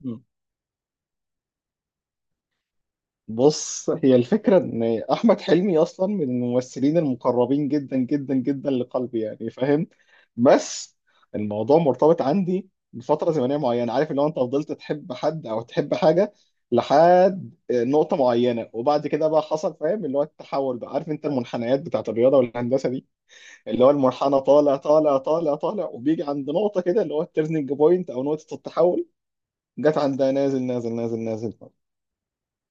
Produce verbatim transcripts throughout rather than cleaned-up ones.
مم. بص، هي الفكرة إن أحمد حلمي أصلا من الممثلين المقربين جدا جدا جدا لقلبي، يعني فاهم، بس الموضوع مرتبط عندي بفترة زمنية معينة. عارف لو أنت فضلت تحب حد أو تحب حاجة لحد نقطة معينة، وبعد كده بقى حصل، فاهم، اللي هو التحول بقى. عارف أنت المنحنيات بتاعت الرياضة والهندسة دي، اللي هو المنحنى طالع طالع طالع طالع، وبيجي عند نقطة كده اللي هو التيرنينج بوينت أو نقطة التحول، جت عندها نازل نازل نازل نازل.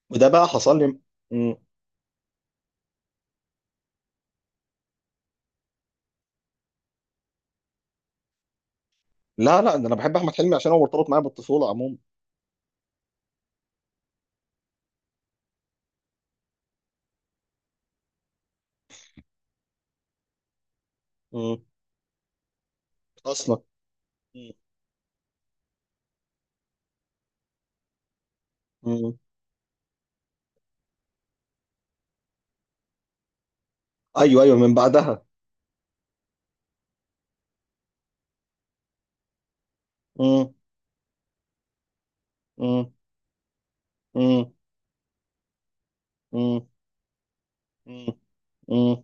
وده بقى حصل لي. لا لا، ده انا بحب احمد حلمي عشان هو مرتبط معايا بالطفوله عموما. مم. اصلا مم. مم. ايوه ايوه، من بعدها. مم. مم. مم. مم. مم. مم.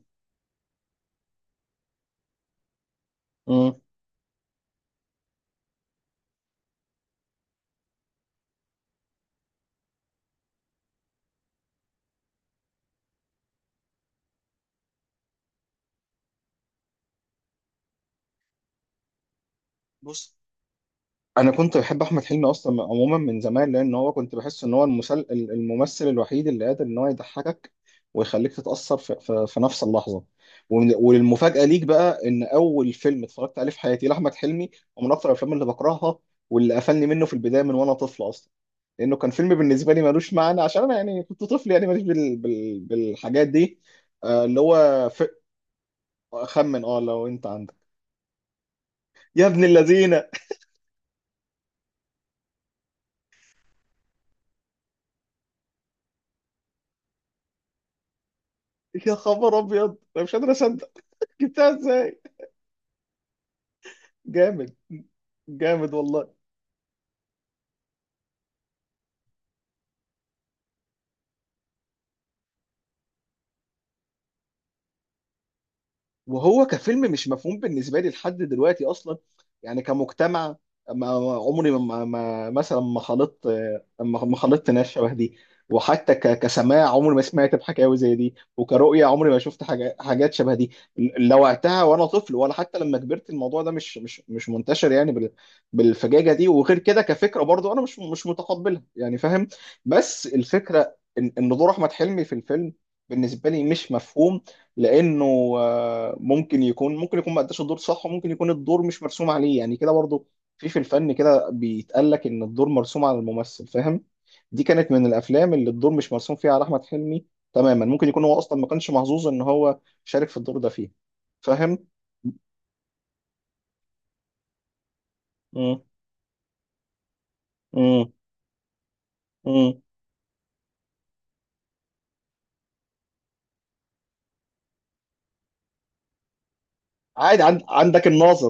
مم. بص، انا كنت بحب احمد حلمي اصلا عموما من زمان، لان هو كنت بحس ان هو المسل... الممثل الوحيد اللي قادر ان هو يضحكك ويخليك تتاثر في, في... في نفس اللحظه. ومن- والمفاجاه ليك بقى ان اول فيلم اتفرجت عليه في حياتي لاحمد حلمي ومن اكثر الافلام اللي بكرهها واللي قفلني منه في البدايه من وانا طفل اصلا، لانه كان فيلم بالنسبه لي ملوش معنى عشان انا يعني كنت طفل، يعني ماليش بال... بال... بالحاجات دي. آه اللي هو ف... خمن، اه لو انت عندك. يا ابن الذين، يا خبر ابيض، انا مش قادر اصدق. جبتها ازاي؟ جامد. جامد والله. وهو كفيلم مش مفهوم بالنسبه لي لحد دلوقتي اصلا، يعني كمجتمع. ما عمري ما ما ما- مثلا ما خلطت، ما ما خلطت ناس شبه دي. وحتى ك- كسماع عمري ما سمعت بحكاوي زي دي، وكرؤية عمري ما شفت حاجة حاجات شبه دي، لا وقتها وانا طفل ولا حتى لما كبرت. الموضوع ده مش مش مش منتشر يعني بال- بالفجاجة دي، وغير كده كفكرة برضو انا مش مش متقبلها، يعني فاهم. بس الفكرة ان إن دور احمد حلمي في الفيلم بالنسبة لي مش مفهوم، لانه آه، ممكن يكون، ممكن يكون ما اداش الدور صح، وممكن يكون الدور مش مرسوم عليه، يعني كده برضو. في في الفن كده بيتقال لك ان الدور مرسوم على الممثل، فاهم. دي كانت من الافلام اللي الدور مش مرسوم فيها على احمد حلمي تماما. ممكن يكون هو اصلا ما كانش محظوظ ان هو شارك في الدور ده فيه. فاهم. امم امم امم عادي. عند... عندك الناظر،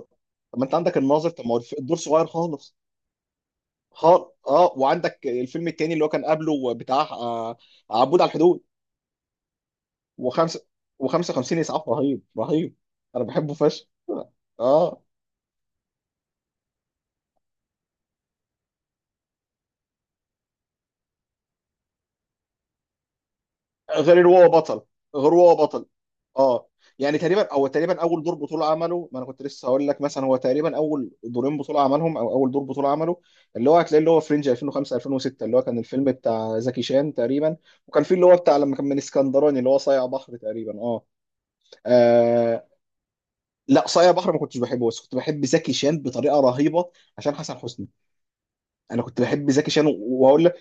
طب ما انت عندك الناظر، طب ما هو الف- الدور صغير خالص. خالص اه. وعندك الفيلم التاني اللي هو كان قبله، بتاع آه، عبود على الحدود وخمسة و55 اسعاف. رهيب رهيب، انا بحبه فشخ. اه. غير ان هو بطل. غير هو بطل. اه. يعني تقريبا، او تقريبا اول دور بطوله عمله، ما انا كنت لسه هقول لك، مثلا هو تقريبا اول دورين بطوله عملهم، او اول دور بطوله عمله، اللي هو هتلاقيه اللي هو فرنج ألفين وخمسة ألفين وستة، اللي هو كان الفيلم بتاع زكي شان تقريبا. وكان في اللي هو بتاع لما كان من اسكندراني اللي هو صايع بحر تقريبا، اه, آه لا، صايع بحر ما كنتش بحبه، بس كنت بحب زكي شان بطريقه رهيبه، عشان حسن حسني. انا كنت بحب زكي شان، وهقول.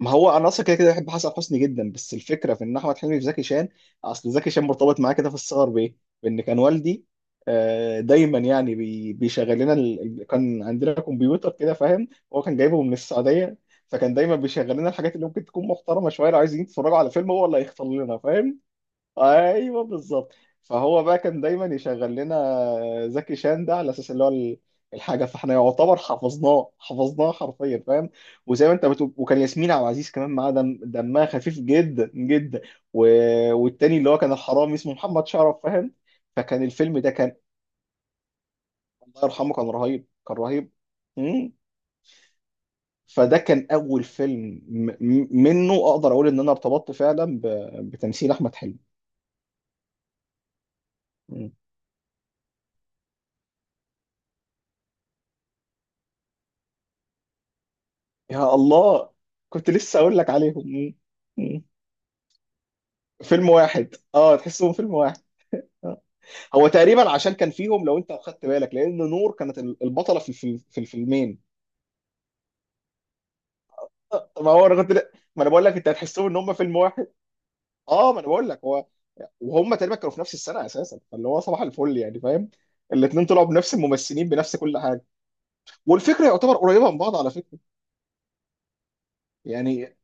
ما هو انا اصلا كده كده بحب حسن حسني جدا، بس الفكره في ان احمد حلمي في زكي شان. اصل زكي شان مرتبط معايا كده في الصغر بايه؟ بان كان والدي آه، دايما يعني بي- بيشغل لنا ال... ال- كان عندنا كمبيوتر كده، فاهم. هو كان جايبه من السعوديه. فكان دايما بيشغل لنا الحاجات اللي ممكن تكون محترمه شويه، لو عايزين يتفرجوا على فيلم هو اللي هيختار لنا، فاهم. ايوه بالظبط. فهو بقى كان دايما يشغل لنا زكي شان ده، على اساس اللي هو ال- الحاجه، فاحنا يعتبر حفظناه حفظناه حرفيا، فاهم. وزي ما انت بتقول، وكان ياسمين عبد العزيز كمان معاه، دم دمها خفيف جدا جدا. و... والتاني اللي هو كان الحرامي، اسمه محمد شرف، فاهم. فكان الفيلم ده كان، الله يرحمه، كان رهيب كان رهيب. مم. فده كان اول فيلم م... م- منه اقدر اقول ان انا ارتبطت فعلا ب... بتمثيل احمد حلمي. مم. يا الله، كنت لسه اقول لك عليهم. مم. مم. فيلم واحد، اه، تحسهم فيلم واحد. آه. هو تقريبا عشان كان فيهم، لو انت اخدت بالك، لان نور كانت ال- البطله في في في الفيلمين. آه، ما هو انا كنت، ما انا بقول لك انت هتحسهم ان هم فيلم واحد. اه، ما انا بقول لك هو. وهم تقريبا كانوا في نفس السنه اساسا، فاللي هو صباح الفل، يعني فاهم. الاثنين طلعوا بنفس الممثلين، بنفس كل حاجه، والفكره يعتبر قريبه من بعض، على فكره. يعني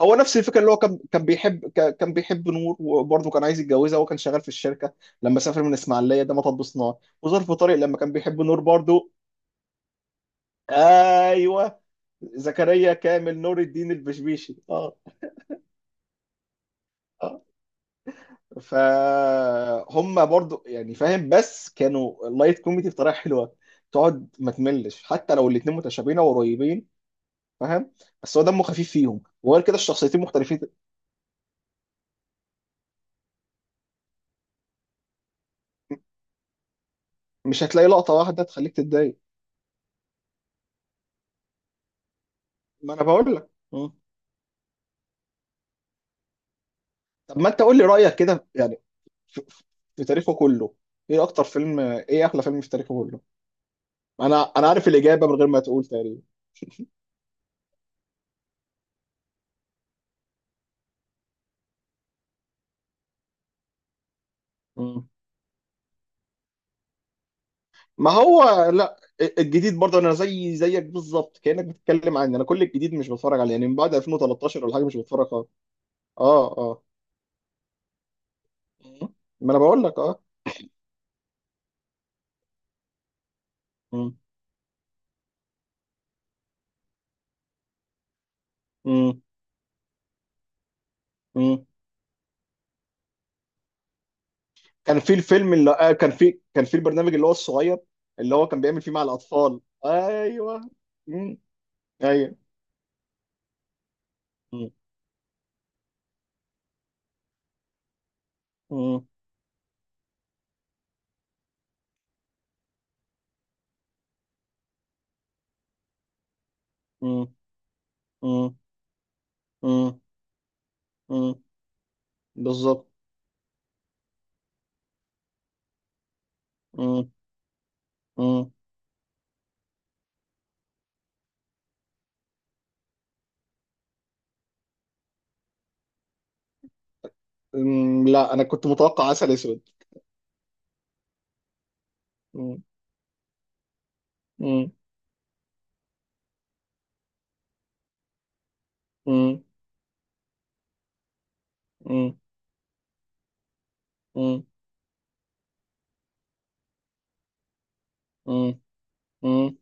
هو نفس الفكره، اللي هو كان كان بيحب، ك- كان بيحب نور، وبرضه كان عايز يتجوزها، وهو كان شغال في الشركه لما سافر من اسماعيليه، ده مطب صناعي. وظرف طارق لما كان بيحب نور برضه. ايوه. زكريا كامل نور الدين البشبيشي، اه. اه. فهم برضه، يعني فاهم، بس كانوا لايت كوميدي بطريقه حلوه، تقعد ما تملش حتى لو الاثنين متشابهين او قريبين، فاهم. بس هو دمه خفيف فيهم، وغير كده الشخصيتين مختلفين. مش هتلاقي لقطه واحده تخليك تتضايق. ما انا بقول لك. طب ما انت قول لي رأيك كده يعني في, في في تاريخه كله. ايه اكتر فيلم، ايه احلى فيلم في تاريخه كله؟ انا انا عارف الإجابة من غير ما تقول تقريبا. مم. ما هو، لا، الجديد برضه انا زي زيك بالظبط، كأنك بتتكلم عني. انا كل الجديد مش بتفرج عليه، يعني من بعد ألفين وتلتاشر ولا حاجة مش بتفرج خالص. اه اه. مم. ما انا بقول لك اه. مم. مم. مم. كان في الفيلم اللي آه كان في، كان في البرنامج اللي هو الصغير، اللي هو كان بيعمل فيه مع الأطفال، ايوه. مم. ايوه. مم. مم. مم. مم. مم. بالظبط. مم. مم. مم. لا، انا كنت متوقع عسل اسود. مم. مم. مم. مم. مم. مم. مم.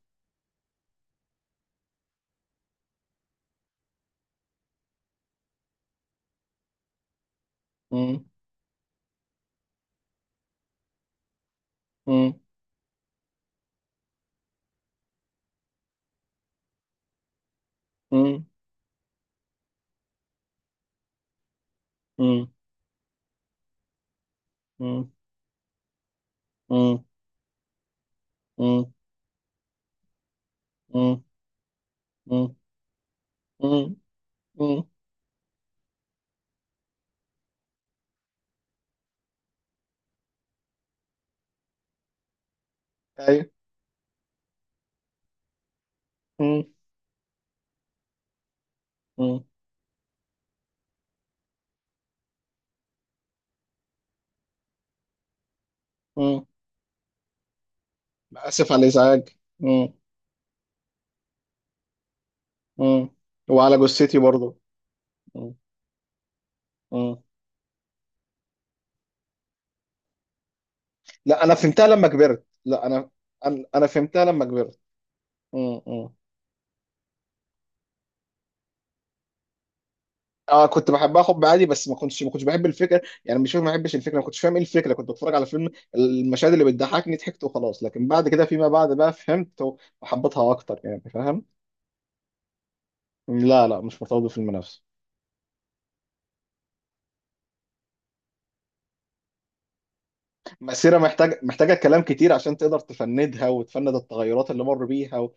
مم. مم. مم. مم. مم. مم. مم. مم. مم. مم. ايوه. مم. مم. مم. اسف على الازعاج. مم. مم. وعلى جثتي برضو. مم. مم. لا انا فهمتها لما كبرت، لا انا، انا أنا فهمتها لما كبرت. مم. اه، كنت بحبها حب عادي، بس ما كنتش ما كنتش بحب الفكره، يعني مش فاهم، ما بحبش الفكره، ما كنتش فاهم ايه الفكره. كنت بتفرج على فيلم، المشاهد اللي بتضحكني ضحكت وخلاص، لكن بعد كده فيما بعد بقى فهمت وحبيتها اكتر، يعني فاهم. لا لا، مش مرتبط بالفيلم نفسه. مسيره محتاج، محتاجه كلام كتير عشان تقدر تفندها وتفند التغيرات اللي مر بيها و...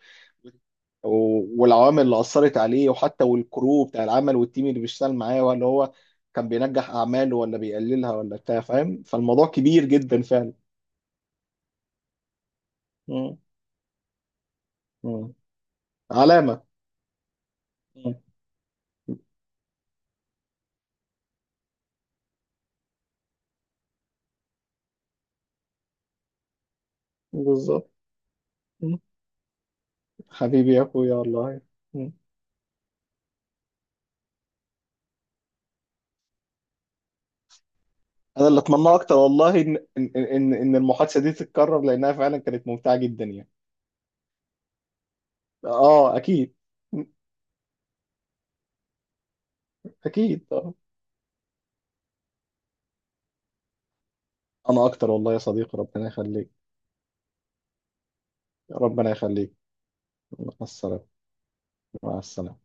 و... والعوامل اللي اثرت عليه، وحتى والكرو بتاع العمل والتيم اللي بيشتغل معاه، ولا هو كان بينجح اعماله ولا بيقللها ولا بتاع، فاهم. فالموضوع كبير جدا فعلا. مم. مم. علامه. بالظبط. مم. حبيبي يا اخويا والله. مم. انا اللي اتمناه اكتر والله ان ان ان ان المحادثه دي تتكرر، لانها فعلا كانت ممتعه جدا يعني. اه اكيد. مم. اكيد آه. انا اكتر والله يا صديقي، ربنا يخليك. ربنا يخليك. مع السلامه. مع السلامه.